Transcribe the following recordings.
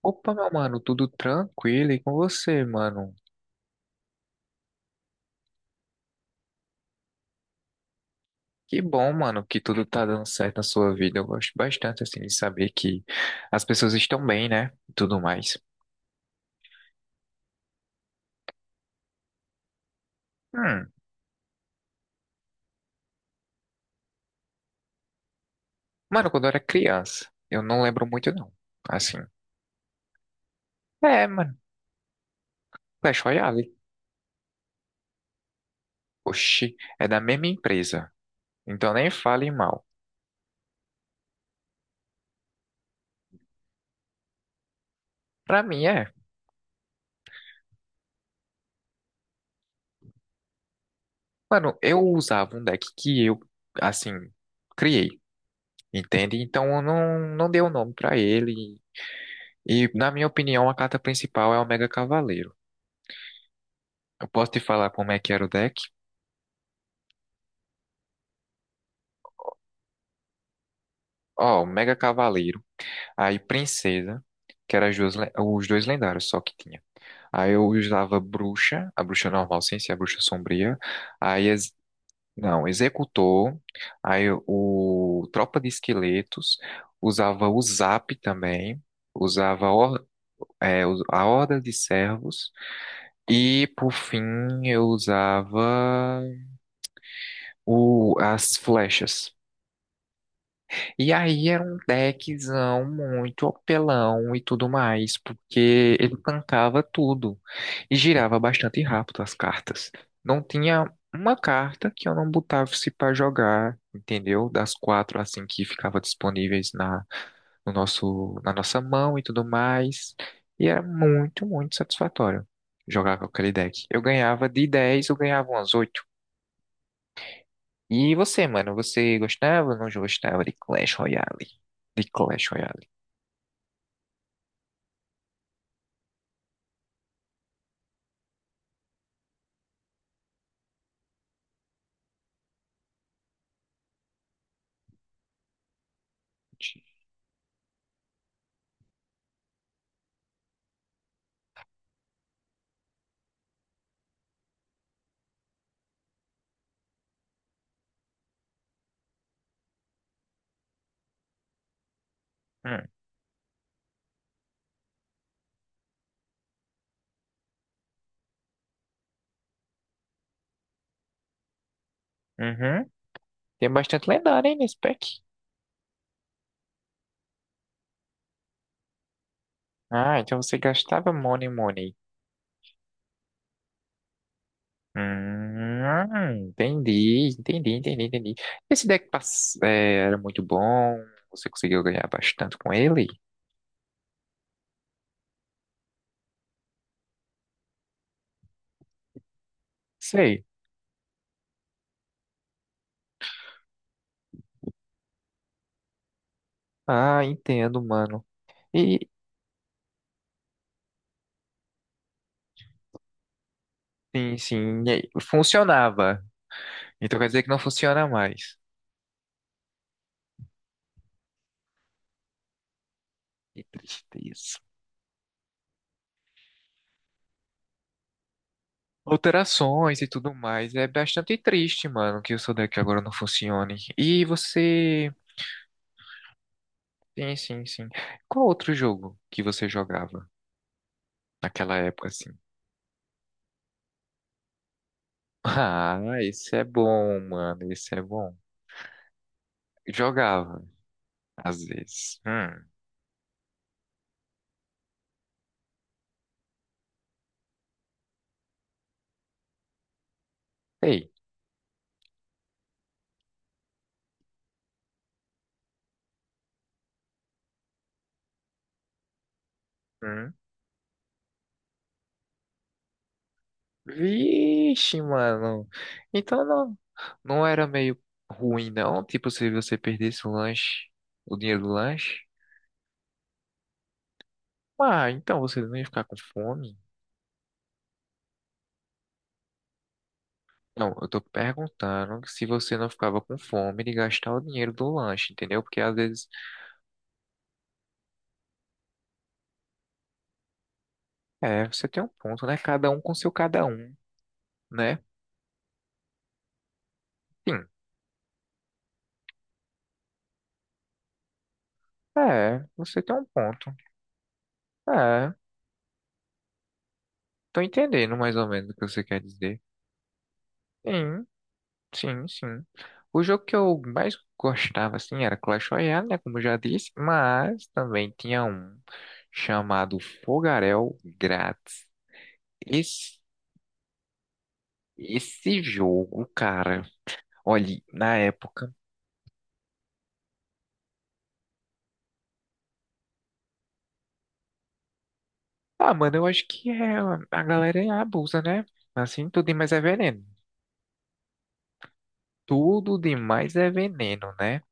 Opa, meu mano, tudo tranquilo e com você, mano? Que bom, mano, que tudo tá dando certo na sua vida. Eu gosto bastante, assim, de saber que as pessoas estão bem, né? E tudo mais. Hum, Mano, quando eu era criança, eu não lembro muito, não. Assim, é, mano, Clash Royale. Oxi, é da mesma empresa. Então nem fale mal. Pra mim, é. Mano, eu usava um deck que eu, assim, criei, entende? Então eu não, não dei o nome pra ele. E, na minha opinião, a carta principal é o Mega Cavaleiro. Eu posso te falar como é que era o deck? Ó, o Mega Cavaleiro. Aí, Princesa, que era os dois lendários só que tinha. Aí eu usava Bruxa, a Bruxa normal, sem ser a Bruxa Sombria. Aí, não, Executor. Aí, o Tropa de Esqueletos. Usava o Zap também. Usava é, a Horda de Servos. E, por fim, eu usava, as flechas. E aí era um deckzão muito apelão e tudo mais, porque ele tancava tudo e girava bastante rápido as cartas. Não tinha uma carta que eu não botasse para jogar, entendeu? Das quatro assim que ficava disponíveis na no nosso na nossa mão e tudo mais. E era muito, muito satisfatório jogar com aquele deck. Eu ganhava. De 10 eu ganhava umas oito. E você, mano, você gostava ou não gostava de Clash Royale? De Clash Royale. Hum, uhum. Tem bastante lendário, hein, nesse pack. Ah, então você gastava Money Money. Entendi, entendi, entendi, entendi. Esse deck é, era muito bom, você conseguiu ganhar bastante com ele? Sei. Ah, entendo, mano. E, sim, sim, e aí, funcionava. Então quer dizer que não funciona mais. Que tristeza. Alterações e tudo mais. É bastante triste, mano, que o seu deck agora não funcione. E você. Sim, sim, sim. Qual outro jogo que você jogava naquela época, assim? Ah, esse é bom, mano. Esse é bom. Jogava, às vezes. Hum. Ei. Hum. Vixe, mano. Então não, não era meio ruim, não. Tipo, se você perdesse o lanche, o dinheiro do lanche. Ah, então você não ia ficar com fome. Não, eu tô perguntando se você não ficava com fome de gastar o dinheiro do lanche, entendeu? Porque às vezes, é, você tem um ponto, né? Cada um com seu cada um, né? Sim. É, você tem um ponto. É, tô entendendo mais ou menos o que você quer dizer. Sim, sim, sim. O jogo que eu mais gostava, assim, era Clash Royale, né? Como eu já disse, mas também tinha um chamado Fogarel Grátis. Esse, esse jogo, cara. Olha, na época. Ah, mano, eu acho que é, a galera abusa, né? Assim, tudo demais é veneno. Tudo demais é veneno, né?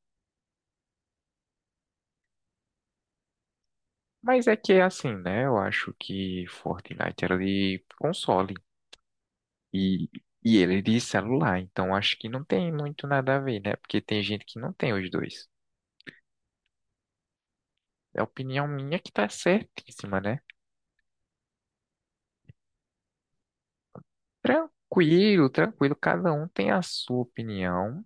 Mas é que é assim, né? Eu acho que Fortnite era de console e, e ele é de celular, então acho que não tem muito nada a ver, né? Porque tem gente que não tem os dois. É a opinião minha que tá certíssima, né? Tranquilo, tranquilo, cada um tem a sua opinião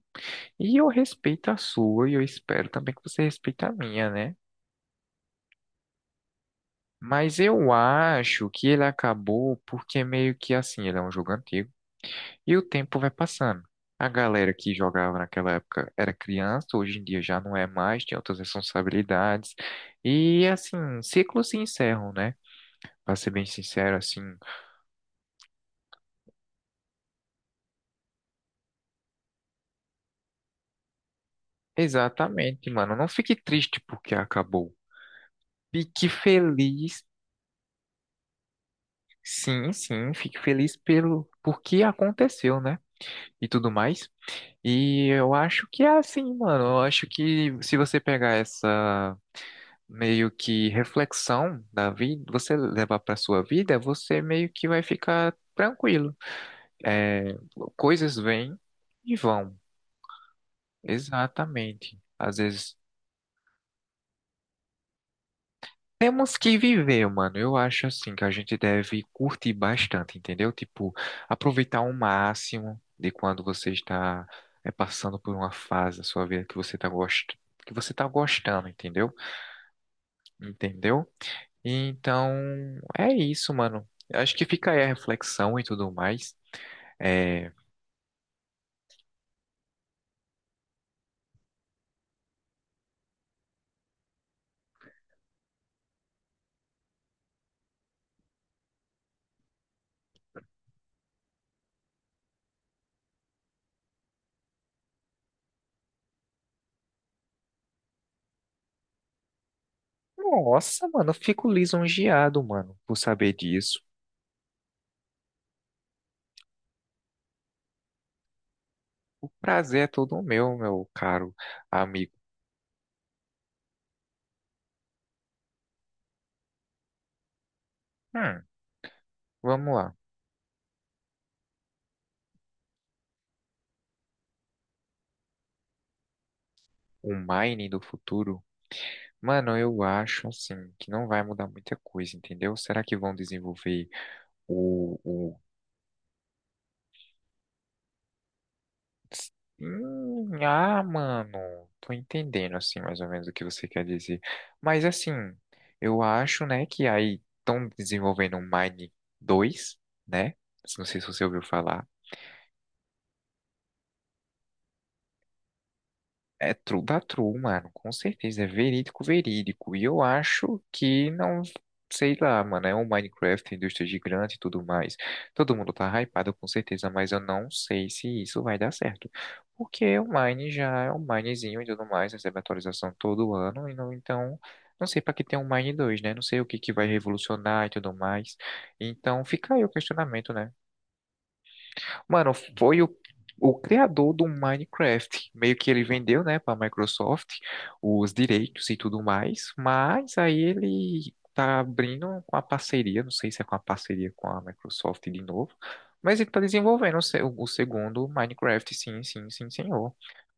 e eu respeito a sua e eu espero também que você respeite a minha, né? Mas eu acho que ele acabou porque meio que assim, ele é um jogo antigo e o tempo vai passando. A galera que jogava naquela época era criança, hoje em dia já não é mais, tem outras responsabilidades. E assim, ciclos se encerram, né? Pra ser bem sincero, assim. Exatamente, mano. Não fique triste porque acabou. Fique feliz, sim, sim, fique feliz pelo porque aconteceu, né? E tudo mais. E eu acho que é assim, mano. Eu acho que se você pegar essa meio que reflexão da vida, você levar pra sua vida, você meio que vai ficar tranquilo. É, coisas vêm e vão. Exatamente. Às vezes temos que viver, mano. Eu acho assim que a gente deve curtir bastante, entendeu? Tipo, aproveitar o máximo de quando você está é, passando por uma fase da sua vida que você tá gostando, entendeu? Entendeu? Então, é isso, mano. Eu acho que fica aí a reflexão e tudo mais. É... Nossa, mano, eu fico lisonjeado, mano, por saber disso. O prazer é todo meu, meu caro amigo. Hum, Vamos lá. O mining do futuro. Mano, eu acho assim que não vai mudar muita coisa, entendeu? Será que vão desenvolver o, mano, tô entendendo assim mais ou menos o que você quer dizer. Mas assim, eu acho, né, que aí estão desenvolvendo o Mine 2, né? Não sei se você ouviu falar. É true da true, mano, com certeza, é verídico, verídico. E eu acho que não, sei lá, mano, é um Minecraft, indústria gigante e tudo mais. Todo mundo tá hypado com certeza, mas eu não sei se isso vai dar certo. Porque o Mine já é um Minezinho e tudo mais, recebe atualização todo ano, e não, então, não sei pra que tem um Mine 2 né? Não sei o que que vai revolucionar e tudo mais. Então, fica aí o questionamento, né? Mano, foi o criador do Minecraft. Meio que ele vendeu, né, para Microsoft os direitos e tudo mais, mas aí ele tá abrindo uma parceria, não sei se é com a parceria com a Microsoft de novo, mas ele tá desenvolvendo o, se- o segundo Minecraft, sim, sim, sim, senhor.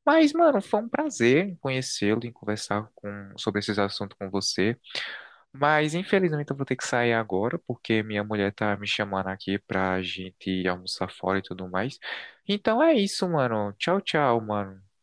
Mas, mano, foi um prazer em conhecê-lo e conversar sobre esses assuntos com você. Mas infelizmente eu vou ter que sair agora, porque minha mulher tá me chamando aqui pra gente almoçar fora e tudo mais. Então é isso, mano. Tchau, tchau, mano.